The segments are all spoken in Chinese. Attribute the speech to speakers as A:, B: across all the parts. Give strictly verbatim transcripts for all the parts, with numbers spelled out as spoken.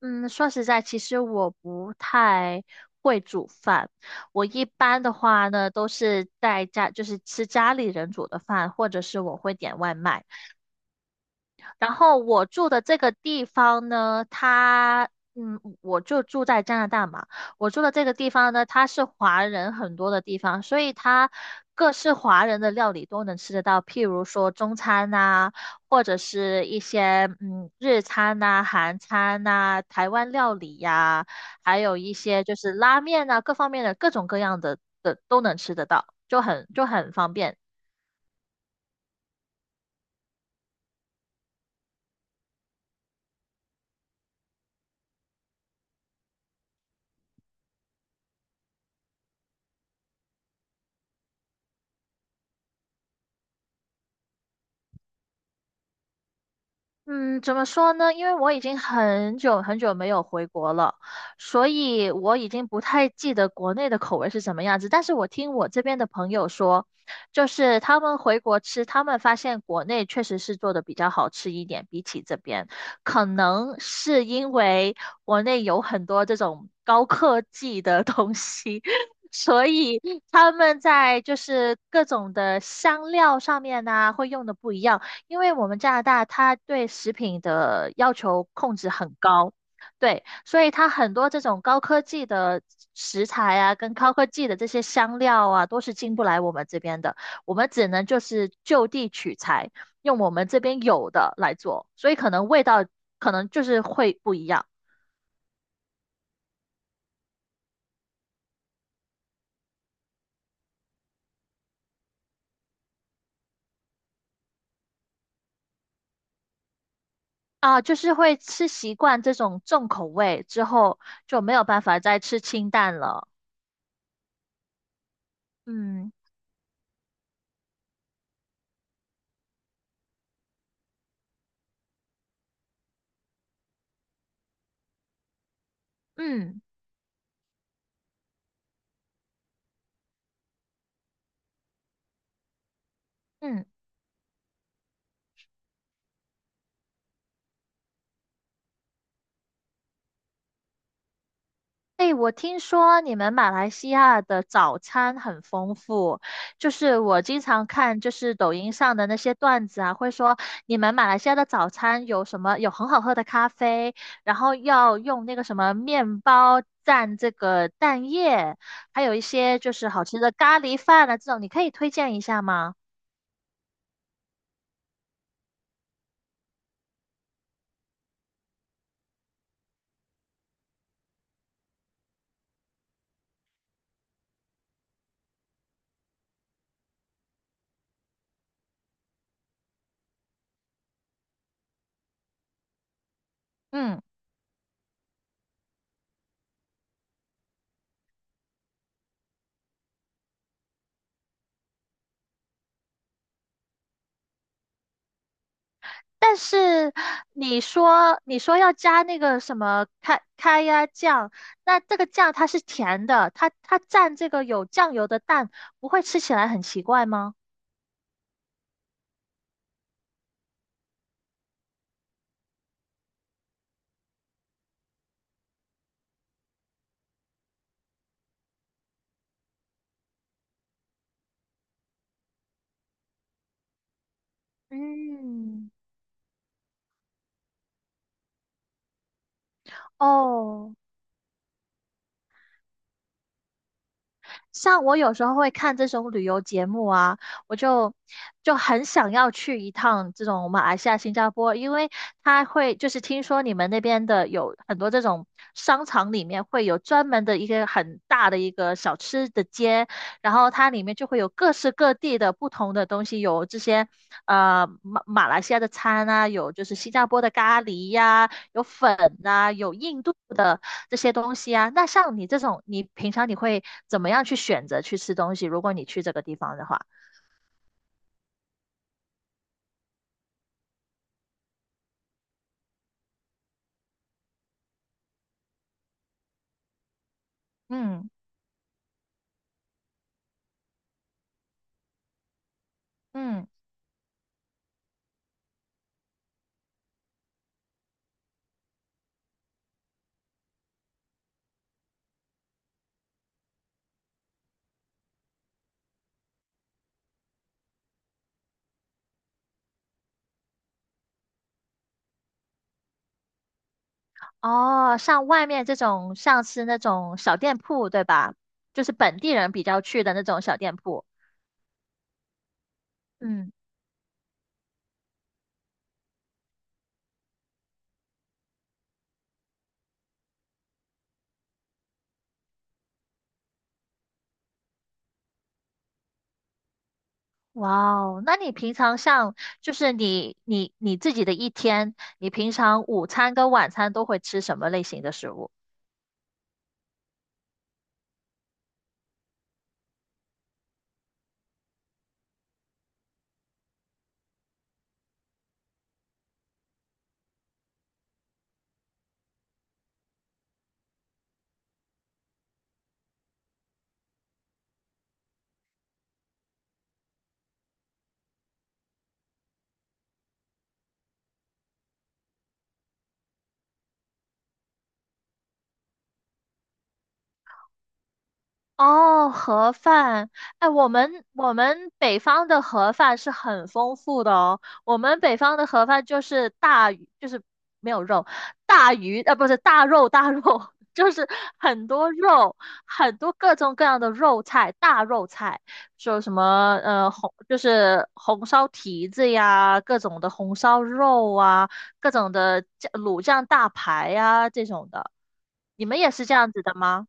A: 嗯，说实在，其实我不太会煮饭。我一般的话呢，都是在家，就是吃家里人煮的饭，或者是我会点外卖。然后我住的这个地方呢，它，嗯，我就住在加拿大嘛。我住的这个地方呢，它是华人很多的地方，所以它各式华人的料理都能吃得到，譬如说中餐呐、或者是一些嗯日餐呐、韩餐呐、台湾料理呀、还有一些就是拉面呐、各方面的各种各样的的都能吃得到，就很就很方便。嗯，怎么说呢？因为我已经很久很久没有回国了，所以我已经不太记得国内的口味是什么样子。但是我听我这边的朋友说，就是他们回国吃，他们发现国内确实是做的比较好吃一点，比起这边，可能是因为国内有很多这种高科技的东西，所以他们在就是各种的香料上面呢、会用的不一样。因为我们加拿大它对食品的要求控制很高，对，所以它很多这种高科技的食材啊，跟高科技的这些香料啊，都是进不来我们这边的，我们只能就是就地取材，用我们这边有的来做，所以可能味道可能就是会不一样啊，就是会吃习惯这种重口味之后，就没有办法再吃清淡了，嗯嗯嗯。哎，我听说你们马来西亚的早餐很丰富，就是我经常看就是抖音上的那些段子啊，会说你们马来西亚的早餐有什么，有很好喝的咖啡，然后要用那个什么面包蘸这个蛋液，还有一些就是好吃的咖喱饭啊，这种你可以推荐一下吗？嗯。但是你说你说要加那个什么开开呀酱，那这个酱它是甜的，它它蘸这个有酱油的蛋，不会吃起来很奇怪吗？嗯，哦。像我有时候会看这种旅游节目啊，我就就很想要去一趟这种马来西亚、新加坡，因为它会就是听说你们那边的有很多这种商场里面会有专门的一个很大的一个小吃的街，然后它里面就会有各式各地的不同的东西，有这些呃马马来西亚的餐啊，有就是新加坡的咖喱呀、有粉呐、有印度的这些东西啊。那像你这种，你平常你会怎么样去选择去吃东西？如果你去这个地方的话，嗯嗯，哦，像外面这种，像是那种小店铺，对吧？就是本地人比较去的那种小店铺。嗯，哇哦，那你平常像就是你你你自己的一天，你平常午餐跟晚餐都会吃什么类型的食物？哦，盒饭，哎，我们我们北方的盒饭是很丰富的哦。我们北方的盒饭就是大鱼，就是没有肉，大鱼，呃，不是大肉，大肉，就是很多肉，很多各种各样的肉菜，大肉菜，说什么呃红，就是红烧蹄子呀，各种的红烧肉啊，各种的酱卤酱大排呀这种的。你们也是这样子的吗？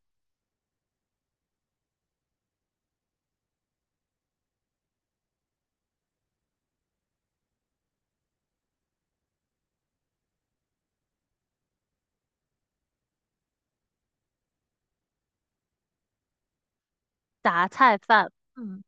A: 杂菜饭。嗯。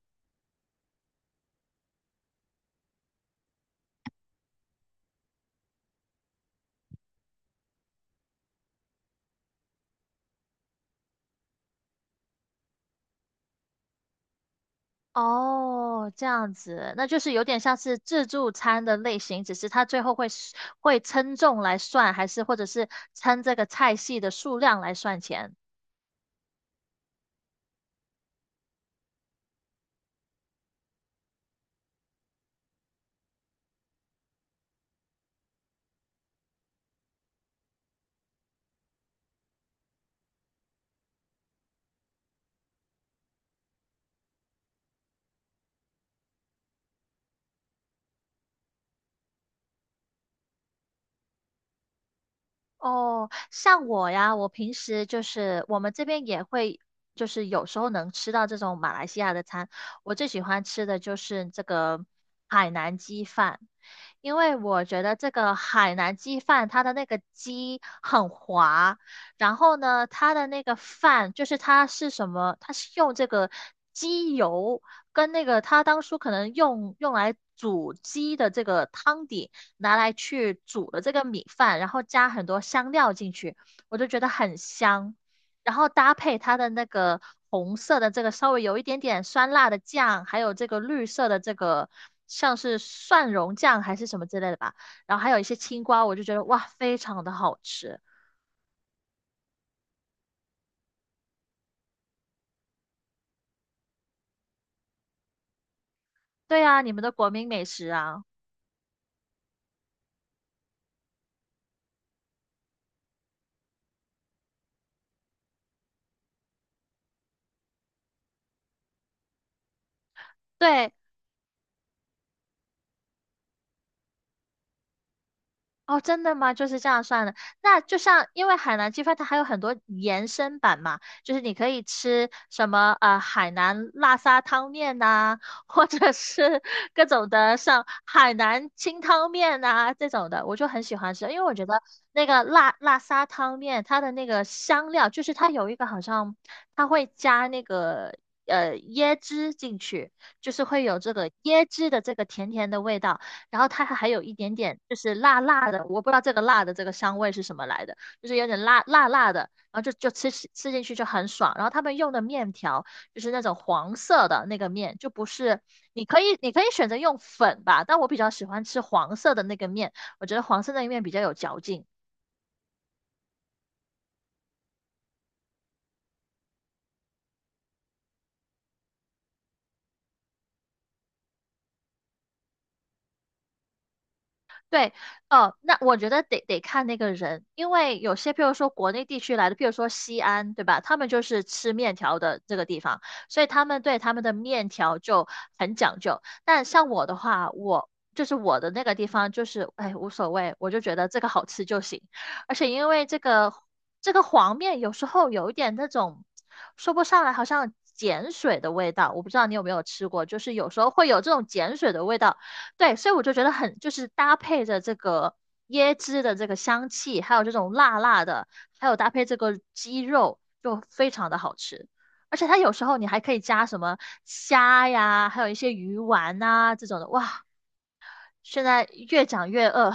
A: 哦，这样子，那就是有点像是自助餐的类型，只是它最后会 s- 会称重来算，还是或者是称这个菜系的数量来算钱。哦，像我呀，我平时就是我们这边也会，就是有时候能吃到这种马来西亚的餐。我最喜欢吃的就是这个海南鸡饭，因为我觉得这个海南鸡饭它的那个鸡很滑，然后呢，它的那个饭就是它是什么，它是用这个鸡油跟那个它当初可能用用来煮鸡的这个汤底。拿来去煮了这个米饭，然后加很多香料进去，我就觉得很香。然后搭配它的那个红色的这个稍微有一点点酸辣的酱，还有这个绿色的这个像是蒜蓉酱还是什么之类的吧，然后还有一些青瓜，我就觉得哇，非常的好吃。对啊，你们的国民美食啊。对，哦，真的吗？就是这样算的。那就像，因为海南鸡饭它还有很多延伸版嘛，就是你可以吃什么呃海南辣沙汤面呐、或者是 各种的像海南清汤面呐、这种的，我就很喜欢吃，因为我觉得那个辣辣沙汤面它的那个香料，就是它有一个好像它会加那个呃椰汁进去，就是会有这个椰汁的这个甜甜的味道。然后它还有一点点就是辣辣的，我不知道这个辣的这个香味是什么来的，就是有点辣辣辣的，然后就就吃起吃进去就很爽。然后他们用的面条就是那种黄色的那个面，就不是你可以你可以选择用粉吧，但我比较喜欢吃黄色的那个面，我觉得黄色那个面比较有嚼劲。对，哦，那我觉得得得看那个人，因为有些，譬如说国内地区来的，譬如说西安，对吧？他们就是吃面条的这个地方，所以他们对他们的面条就很讲究。但像我的话，我就是我的那个地方，就是哎无所谓，我就觉得这个好吃就行。而且因为这个这个黄面有时候有一点那种说不上来，好像碱水的味道，我不知道你有没有吃过，就是有时候会有这种碱水的味道。对，所以我就觉得很，就是搭配着这个椰汁的这个香气，还有这种辣辣的，还有搭配这个鸡肉，就非常的好吃。而且它有时候你还可以加什么虾呀，还有一些鱼丸啊这种的。哇，现在越讲越饿，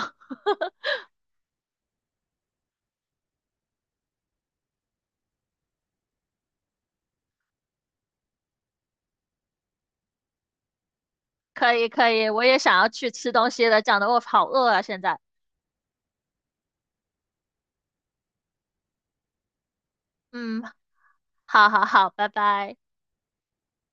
A: 可以可以，我也想要去吃东西了，讲得我好饿啊现在。嗯，好好好，拜拜。